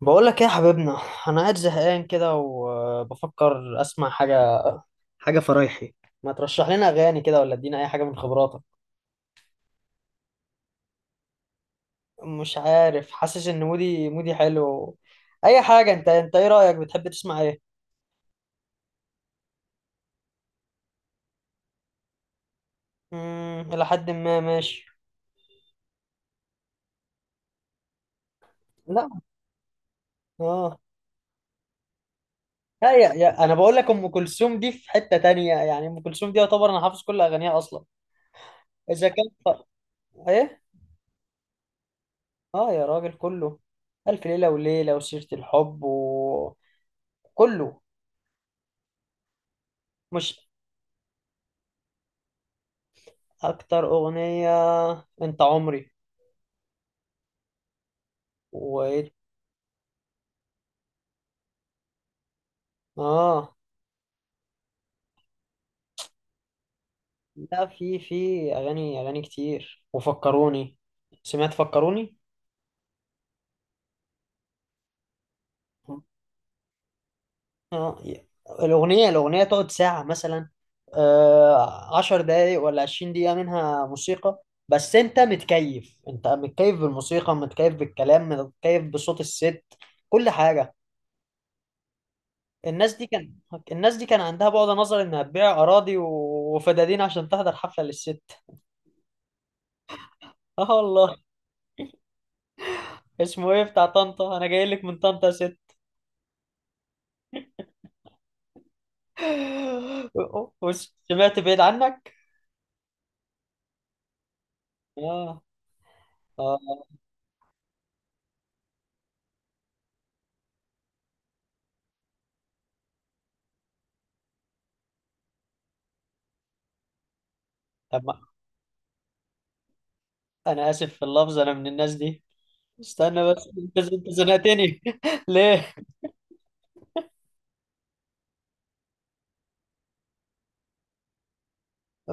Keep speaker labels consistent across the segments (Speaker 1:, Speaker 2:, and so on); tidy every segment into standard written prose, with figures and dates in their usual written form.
Speaker 1: بقول لك ايه يا حبيبنا؟ انا قاعد زهقان كده وبفكر اسمع حاجه فرايحي. ما ترشح لنا اغاني كده؟ ولا ادينا اي حاجه من خبراتك. مش عارف، حاسس ان مودي حلو. اي حاجه، انت ايه رايك؟ بتحب تسمع ايه؟ الى حد ما ماشي. لا. اه. لا، يا انا بقول لك، ام كلثوم دي في حته تانية. يعني ام كلثوم دي يعتبر انا حافظ كل اغانيها اصلا. اذا كان ف- ايه. اه يا راجل، كله. الف ليله وليله وسيره الحب وكله. مش اكتر اغنية؟ انت عمري. وايه؟ اه. لا، في اغاني كتير وفكروني. سمعت فكروني. اه. الاغنية تقعد ساعة مثلا. آه، 10 دقايق ولا 20 دقيقة منها موسيقى. بس انت متكيف بالموسيقى، متكيف بالكلام، متكيف بصوت الست. كل حاجة. الناس دي كان الناس دي كان عندها بعد نظر انها تبيع اراضي وفدادين عشان تحضر حفلة للست. اه والله. اسمه ايه بتاع طنطا؟ انا جاي لك من طنطا يا ست. سمعت بعيد عنك. اه. اه. طب، انا اسف في اللفظ، انا من الناس دي. استنى بس، انت زنقتني ليه؟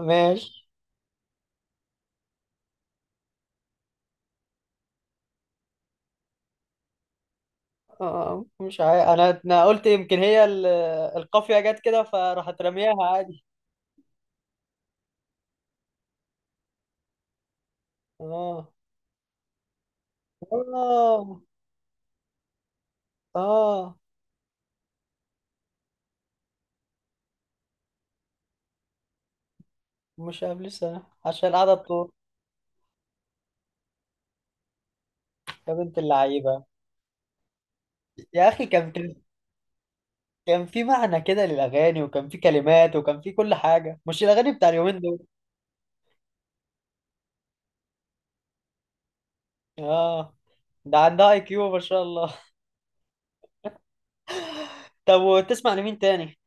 Speaker 1: ماشي. آه، مش عارف، انا قلت يمكن هي القافية جت كده فراحت رمياها عادي. اه. اه. اه. مش قبل سنة عشان قاعدة تطول. يا بنت اللعيبة. يا اخي، كان في معنى كده للأغاني، وكان في كلمات، وكان في كل حاجة، مش الأغاني بتاع اليومين دول. آه، ده عندها IQ ما شاء الله. طب، وتسمع لمين تاني؟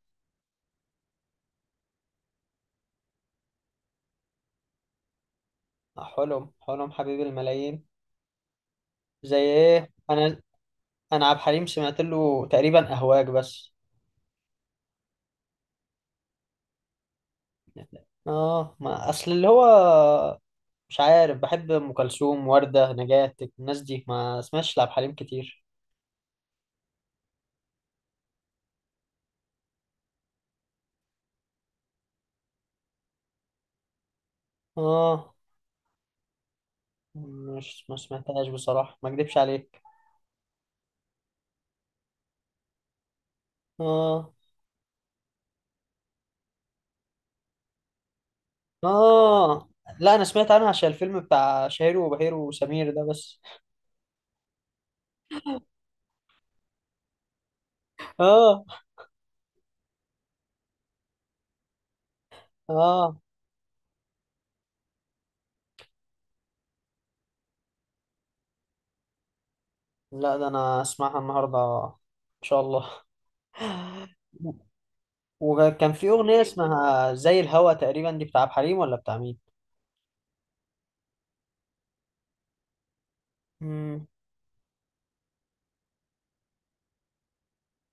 Speaker 1: آه، حلم حبيب الملايين. زي ايه؟ أنا، أنا عبد الحليم سمعت له تقريبا أهواك بس. آه، ما أصل اللي هو مش عارف، بحب أم كلثوم وردة نجاة، الناس دي، ما سمعتش لعبد الحليم كتير. آه. مش ما سمعتهاش بصراحة، ما أكدبش عليك. آه. اه، لا، انا سمعت عنها عشان الفيلم بتاع شهير وبهير وسمير ده بس. اه. اه، لا، ده انا اسمعها النهارده ان شاء الله. وكان في اغنيه اسمها زي الهوا تقريبا، دي بتاع عبد الحليم ولا بتاع مين؟ مم.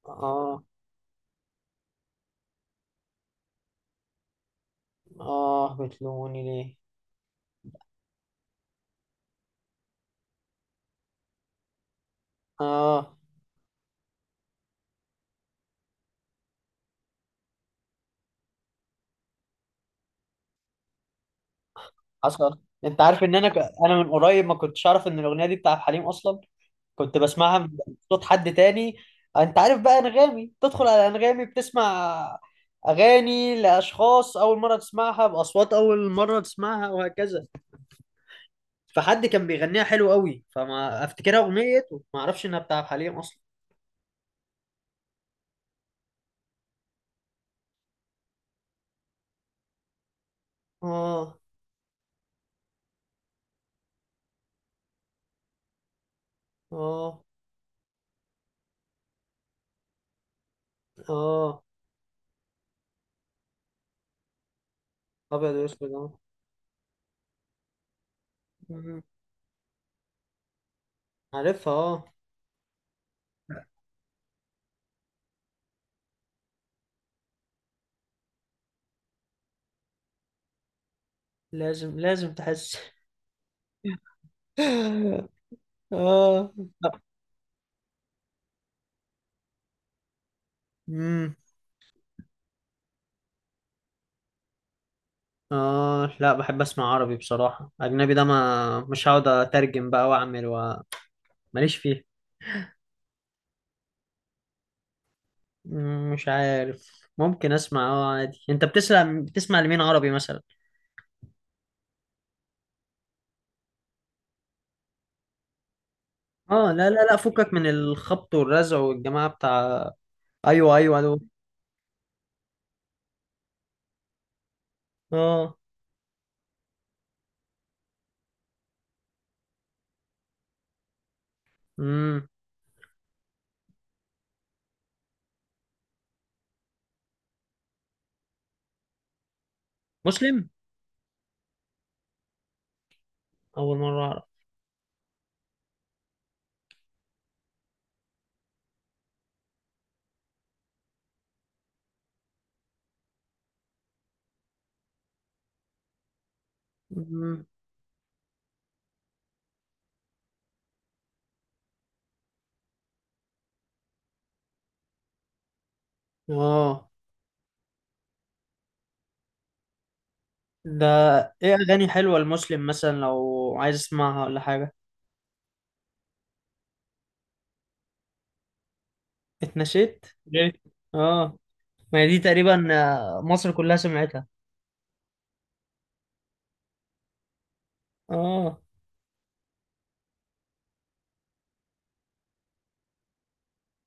Speaker 1: اه. اه، بتلوموني ليه. اه. حصل، انت عارف ان انا من قريب ما كنتش اعرف ان الاغنيه دي بتاع عبد الحليم اصلا. كنت بسمعها من صوت حد تاني. انت عارف بقى انغامي، تدخل على انغامي بتسمع اغاني لاشخاص اول مره تسمعها، باصوات اول مره تسمعها، وهكذا. فحد كان بيغنيها حلو قوي، فما افتكرها اغنيه وما اعرفش انها بتاع حليم اصلا. اه. اه. اه. ابيض واسود اه. مم. عارفها اه. لازم لازم تحس. اه. آه، لا، بحب أسمع عربي بصراحة. أجنبي ده ما مش هقعد أترجم بقى ماليش فيه. مش عارف، ممكن أسمع أه عادي. أنت بتسمع لمين عربي مثلا؟ آه، لا لا لا، فكك من الخبط والرزع والجماعة بتاع. أيوه، أيوه دول. آه. مم. مسلم؟ أول مرة أعرف. مم. آه. ده إيه أغاني حلوة لمسلم مثلا لو عايز أسمعها ولا حاجة؟ اتنسيت؟ ليه؟ آه، ما هي دي تقريبا. آه، مصر كلها سمعتها. اه.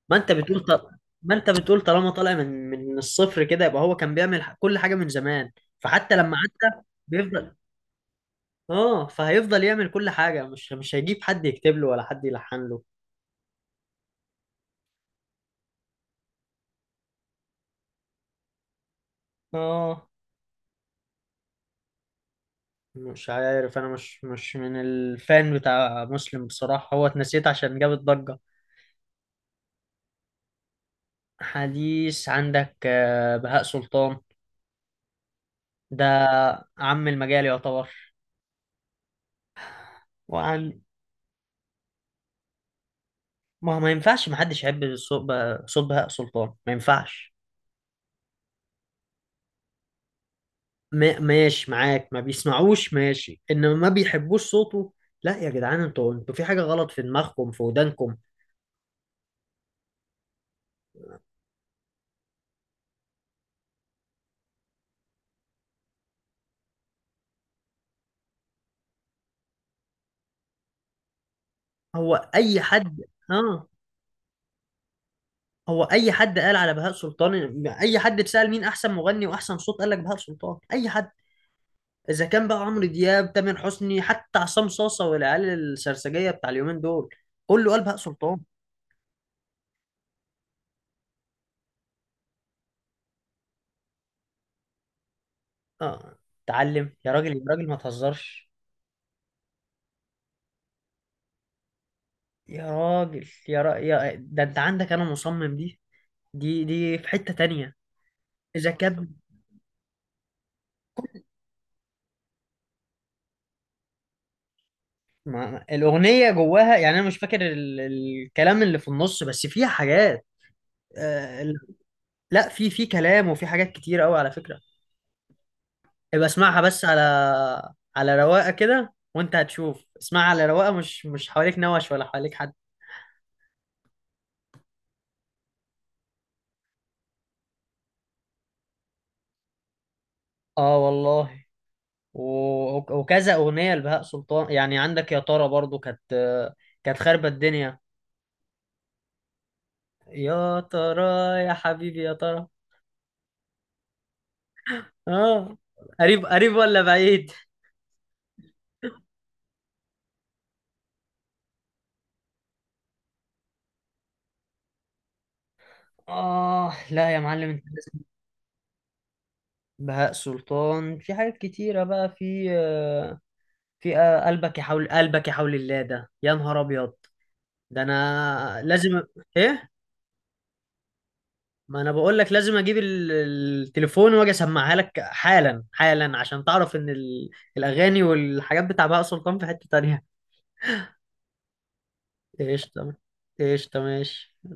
Speaker 1: ما انت بتقول ط... ما انت بتقول، طالما طالع من الصفر كده، يبقى هو كان بيعمل كل حاجه من زمان، فحتى لما عدى بيفضل. اه، فهيفضل يعمل كل حاجه، مش هيجيب حد يكتب له ولا حد يلحن له. اه. مش عارف، انا مش من الفان بتاع مسلم بصراحه، هو اتنسيت عشان جاب الضجه. حديث عندك، بهاء سلطان ده عم المجال يعتبر. وعن، ما ينفعش محدش يحب صوت بهاء سلطان ما ينفعش. ماشي معاك ما بيسمعوش، ماشي، انما ما بيحبوش صوته، لا يا جدعان، انتوا في حاجة غلط في دماغكم، في ودانكم. هو اي حد اه، هو اي حد قال على بهاء سلطان؟ اي حد اتسأل مين احسن مغني واحسن صوت قال لك بهاء سلطان، اي حد. اذا كان بقى عمرو دياب، تامر حسني، حتى عصام صاصة والعيال السرسجية بتاع اليومين دول، كله قال بهاء سلطان. اه. اتعلم يا راجل. يا راجل ما تهزرش. يا راجل، يا, را... يا ده انت عندك، انا مصمم. دي دي في حتة تانية. جاكات. ما الأغنية جواها يعني، أنا مش فاكر الكلام اللي في النص، بس فيها حاجات. آه... ال- لا، في كلام وفي حاجات كتير قوي على فكرة. ابقى اسمعها بس على على رواقة كده وأنت هتشوف. اسمعها على رواقة، مش حواليك نوش، ولا حواليك حد. آه والله، و... وكذا أغنية لبهاء سلطان يعني عندك يا ترى، برضو كانت خاربة الدنيا. يا ترى، يا حبيبي يا ترى. آه. قريب قريب ولا بعيد؟ آه. لا يا معلم، أنت لازم. بهاء سلطان في حاجات كتيرة بقى، في قلبك يا حول، قلبك يا حول الله ده، يا نهار أبيض. ده أنا لازم إيه؟ ما أنا بقول لك لازم أجيب التليفون وأجي أسمعها لك حالا حالا، عشان تعرف إن الأغاني والحاجات بتاع بهاء سلطان في حتة تانية. إيش تمام. إيش تمام.